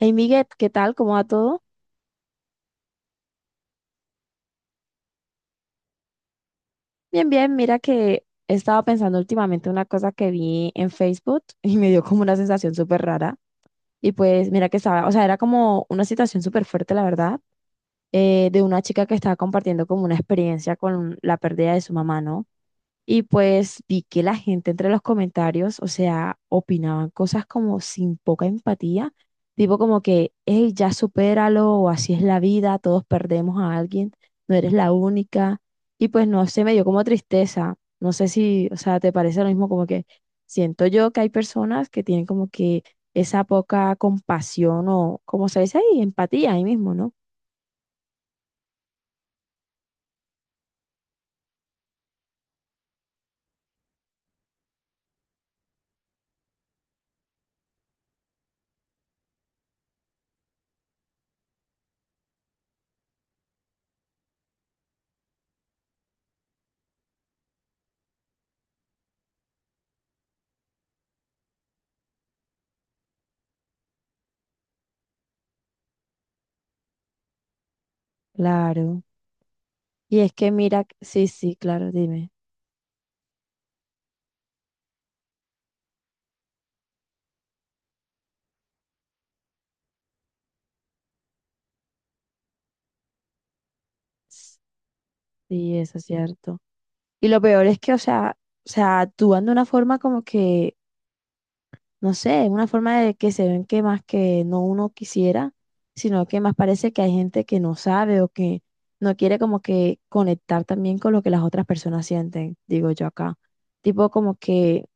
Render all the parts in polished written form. Hey Miguel, ¿qué tal? ¿Cómo va todo? Bien, bien, mira que he estado pensando últimamente una cosa que vi en Facebook y me dio como una sensación súper rara. Y pues mira que estaba, o sea, era como una situación súper fuerte, la verdad, de una chica que estaba compartiendo como una experiencia con la pérdida de su mamá, ¿no? Y pues vi que la gente entre los comentarios, o sea, opinaban cosas como sin poca empatía, tipo como que, hey, ya supéralo, o así es la vida, todos perdemos a alguien, no eres la única. Y pues no sé, me dio como tristeza. No sé si, o sea, te parece lo mismo, como que siento yo que hay personas que tienen como que esa poca compasión o, como se dice ahí, empatía ahí mismo, ¿no? Claro. Y es que mira, sí, sí, claro, dime. Sí, eso es cierto. Y lo peor es que, o sea, actúan de una forma como que, no sé, una forma de que se ven que más que no uno quisiera, sino que más parece que hay gente que no sabe o que no quiere como que conectar también con lo que las otras personas sienten, digo yo acá. Tipo como que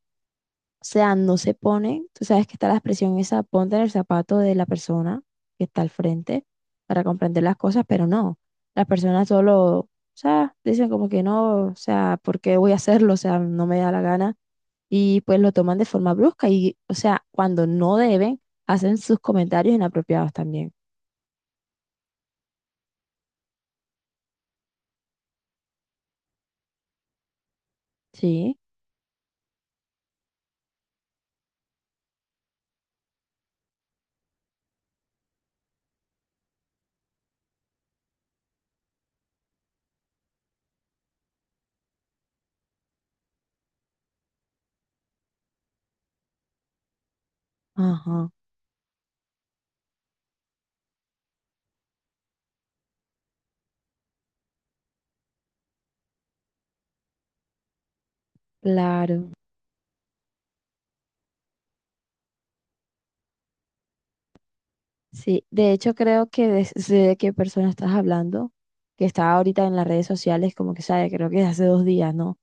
o sea, no se pone, tú sabes que está la expresión esa, ponte en el zapato de la persona que está al frente para comprender las cosas, pero no, las personas solo, o sea, dicen como que no, o sea, ¿por qué voy a hacerlo? O sea, no me da la gana y pues lo toman de forma brusca y, o sea, cuando no deben, hacen sus comentarios inapropiados también. Sí, ajá, claro. Sí, de hecho creo que sé de qué persona estás hablando, que está ahorita en las redes sociales, como que sabe, creo que hace 2 días, ¿no?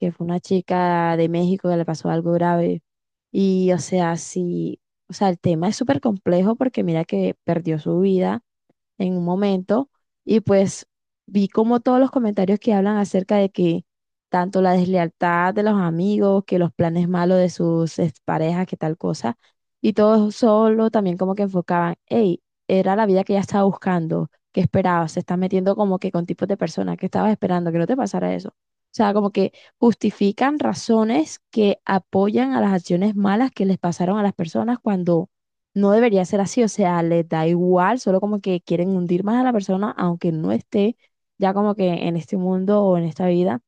Que fue una chica de México que le pasó algo grave. Y, o sea, sí, o sea, el tema es súper complejo porque mira que perdió su vida en un momento y pues vi como todos los comentarios que hablan acerca de que tanto la deslealtad de los amigos, que los planes malos de sus parejas que tal cosa. Y todo solo también como que enfocaban, hey, era la vida que ella estaba buscando, que esperaba, se está metiendo como que con tipos de personas que estabas esperando, que no te pasara eso. O sea, como que justifican razones que apoyan a las acciones malas que les pasaron a las personas cuando no debería ser así. O sea, les da igual, solo como que quieren hundir más a la persona, aunque no esté ya como que en este mundo o en esta vida.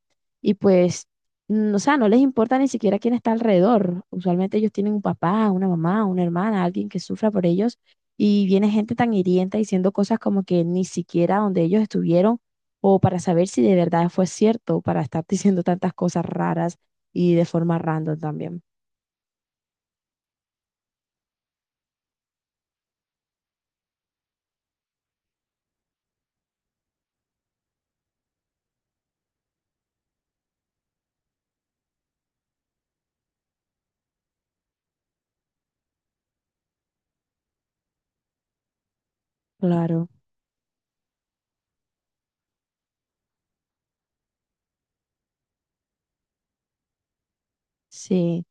Y pues o sea, no les importa ni siquiera quién está alrededor. Usualmente ellos tienen un papá, una mamá, una hermana, alguien que sufra por ellos y viene gente tan hiriente diciendo cosas como que ni siquiera donde ellos estuvieron o para saber si de verdad fue cierto, para estar diciendo tantas cosas raras y de forma random también. Claro, sí.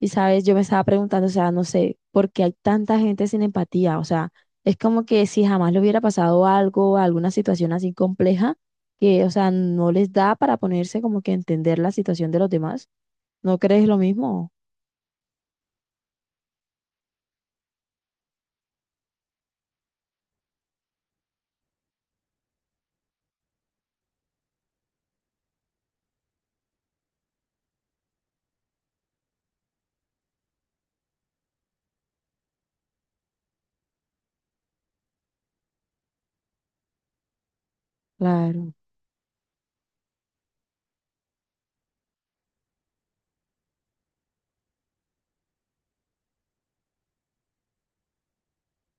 Y sabes, yo me estaba preguntando, o sea, no sé, ¿por qué hay tanta gente sin empatía? O sea, es como que si jamás le hubiera pasado algo, alguna situación así compleja, que, o sea, no les da para ponerse como que a entender la situación de los demás. ¿No crees lo mismo? Claro.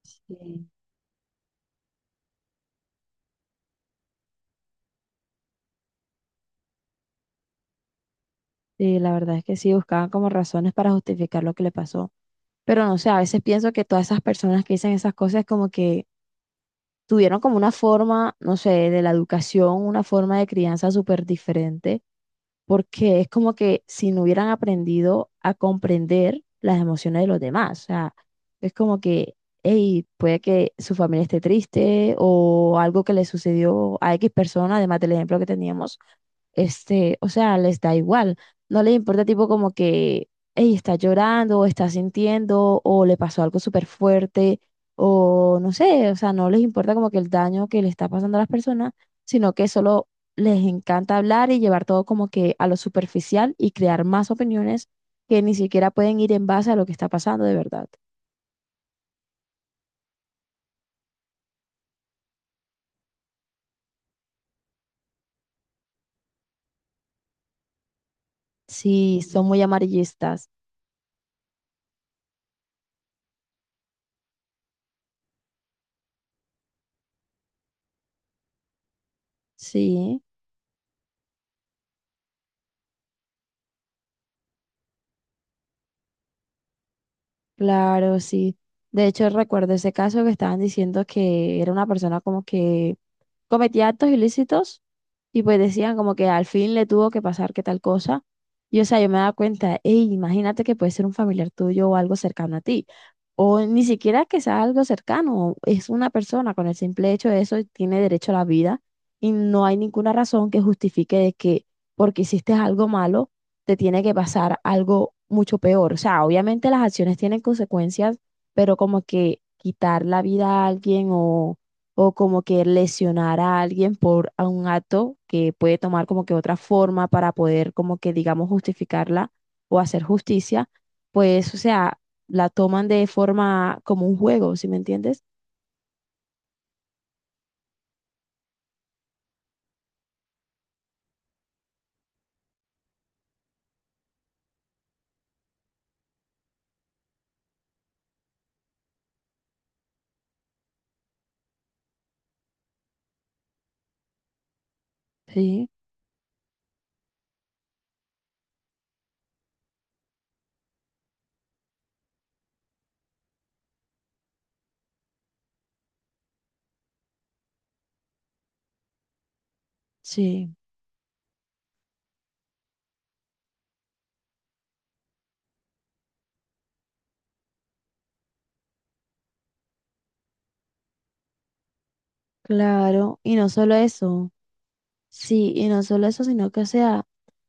Sí, sí, la verdad es que sí, buscaban como razones para justificar lo que le pasó. Pero no sé, a veces pienso que todas esas personas que dicen esas cosas como que tuvieron como una forma, no sé, de la educación, una forma de crianza súper diferente porque es como que si no hubieran aprendido a comprender las emociones de los demás, o sea, es como que, hey, puede que su familia esté triste o algo que le sucedió a X persona, además del ejemplo que teníamos este, o sea, les da igual, no les importa tipo como que, ella está llorando o está sintiendo o le pasó algo súper fuerte o no sé, o sea, no les importa como que el daño que le está pasando a las personas, sino que solo les encanta hablar y llevar todo como que a lo superficial y crear más opiniones que ni siquiera pueden ir en base a lo que está pasando de verdad. Sí, son muy amarillistas, sí. Claro, sí. De hecho, recuerdo ese caso que estaban diciendo que era una persona como que cometía actos ilícitos y pues decían como que al fin le tuvo que pasar que tal cosa. Y o sea, yo me daba cuenta, hey, imagínate que puede ser un familiar tuyo o algo cercano a ti. O ni siquiera que sea algo cercano, es una persona con el simple hecho de eso tiene derecho a la vida y no hay ninguna razón que justifique de que porque hiciste algo malo te tiene que pasar algo mucho peor. O sea, obviamente las acciones tienen consecuencias, pero como que quitar la vida a alguien o como que lesionar a alguien por a un acto que puede tomar como que otra forma para poder como que digamos justificarla o hacer justicia, pues o sea, la toman de forma como un juego, ¿sí me entiendes? Sí, sí, claro, y no solo eso, sí, y no solo eso, sino que o sea,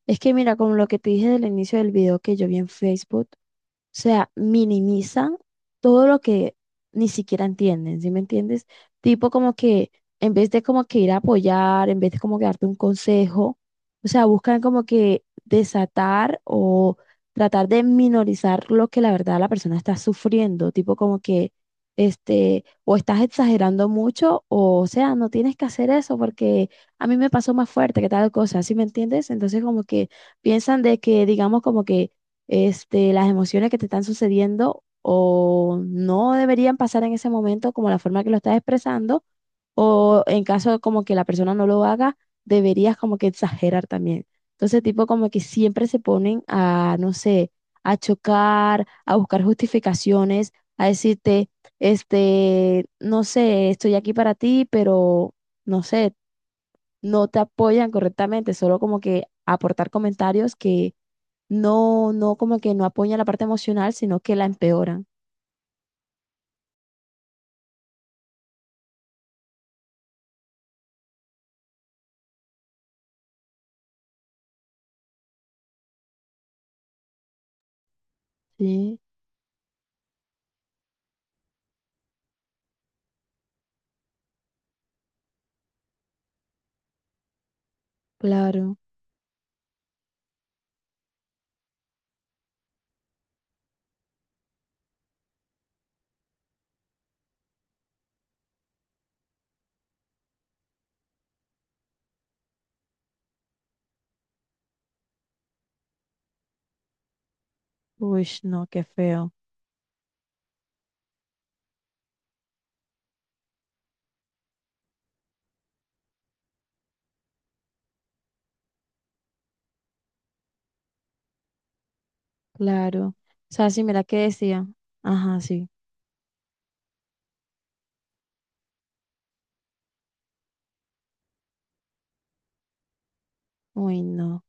es que mira, como lo que te dije del inicio del video que yo vi en Facebook, o sea, minimizan todo lo que ni siquiera entienden, ¿sí me entiendes? Tipo como que en vez de como que ir a apoyar, en vez de como que darte un consejo, o sea, buscan como que desatar o tratar de minorizar lo que la verdad la persona está sufriendo, tipo como que este, o estás exagerando mucho o sea, no tienes que hacer eso porque a mí me pasó más fuerte que tal cosa, ¿sí me entiendes? Entonces como que piensan de que digamos como que este, las emociones que te están sucediendo o no deberían pasar en ese momento como la forma que lo estás expresando o en caso como que la persona no lo haga, deberías como que exagerar también. Entonces, tipo como que siempre se ponen a, no sé, a chocar, a buscar justificaciones, a decirte, este, no sé, estoy aquí para ti, pero no sé, no te apoyan correctamente, solo como que aportar comentarios que no como que no apoya la parte emocional, sino que la empeoran. Sí, claro. Uy, no, qué feo. Claro. O sea, sí, mira qué decía. Ajá, sí. Uy, no.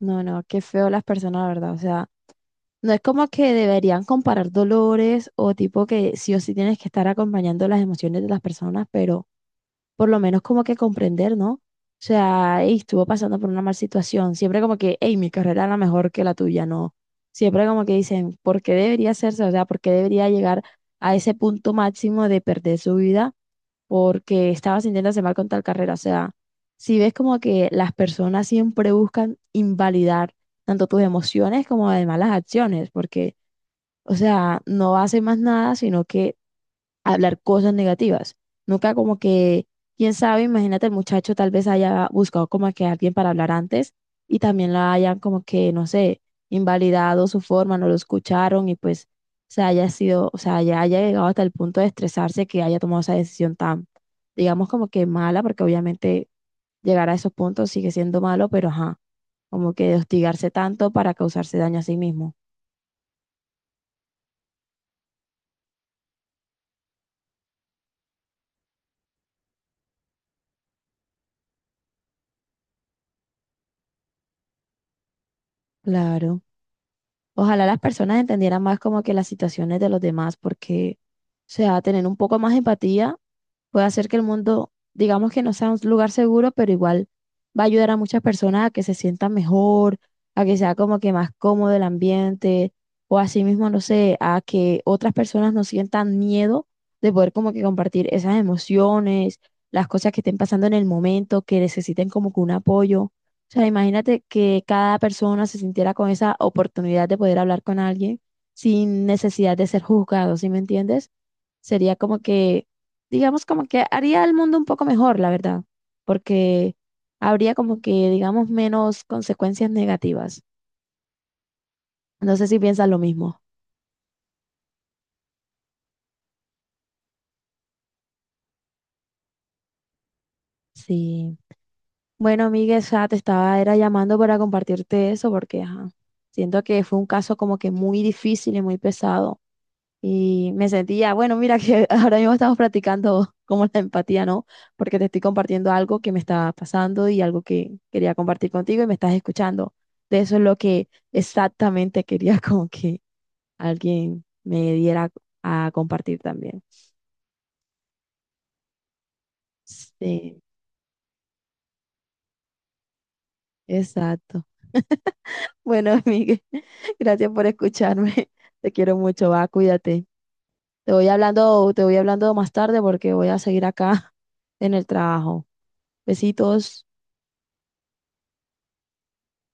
No, no, qué feo las personas, la verdad. O sea, no es como que deberían comparar dolores o tipo que sí o sí tienes que estar acompañando las emociones de las personas, pero por lo menos como que comprender, ¿no? O sea, "Ey, estuvo pasando por una mala situación. Siempre como que, hey, mi carrera era mejor que la tuya, no. Siempre como que dicen, ¿por qué debería hacerse? O sea, ¿por qué debería llegar a ese punto máximo de perder su vida? Porque estaba sintiéndose mal con tal carrera. O sea, si ves como que las personas siempre buscan invalidar tanto tus emociones como además las acciones, porque, o sea, no hacen más nada, sino que hablar cosas negativas. Nunca como que, quién sabe, imagínate el muchacho tal vez haya buscado como que alguien para hablar antes y también la hayan como que, no sé, invalidado su forma, no lo escucharon y pues se haya sido, o sea, ya haya llegado hasta el punto de estresarse que haya tomado esa decisión tan, digamos como que mala, porque obviamente llegar a esos puntos sigue siendo malo, pero ajá, como que de hostigarse tanto para causarse daño a sí mismo. Claro. Ojalá las personas entendieran más como que las situaciones de los demás, porque, o sea, tener un poco más de empatía puede hacer que el mundo, digamos que no sea un lugar seguro, pero igual va a ayudar a muchas personas a que se sientan mejor, a que sea como que más cómodo el ambiente, o así mismo, no sé, a que otras personas no sientan miedo de poder como que compartir esas emociones, las cosas que estén pasando en el momento, que necesiten como que un apoyo. O sea, imagínate que cada persona se sintiera con esa oportunidad de poder hablar con alguien sin necesidad de ser juzgado, ¿sí me entiendes? Sería como que, digamos, como que haría el mundo un poco mejor, la verdad, porque habría como que, digamos, menos consecuencias negativas. No sé si piensas lo mismo. Sí. Bueno, amiga, ya te estaba era llamando para compartirte eso porque, ajá, siento que fue un caso como que muy difícil y muy pesado. Y me sentía, bueno, mira que ahora mismo estamos practicando como la empatía, ¿no? Porque te estoy compartiendo algo que me está pasando y algo que quería compartir contigo y me estás escuchando. De eso es lo que exactamente quería como que alguien me diera a compartir también. Sí, exacto. Bueno, Miguel, gracias por escucharme. Te quiero mucho, va, cuídate. Te voy hablando más tarde porque voy a seguir acá en el trabajo. Besitos.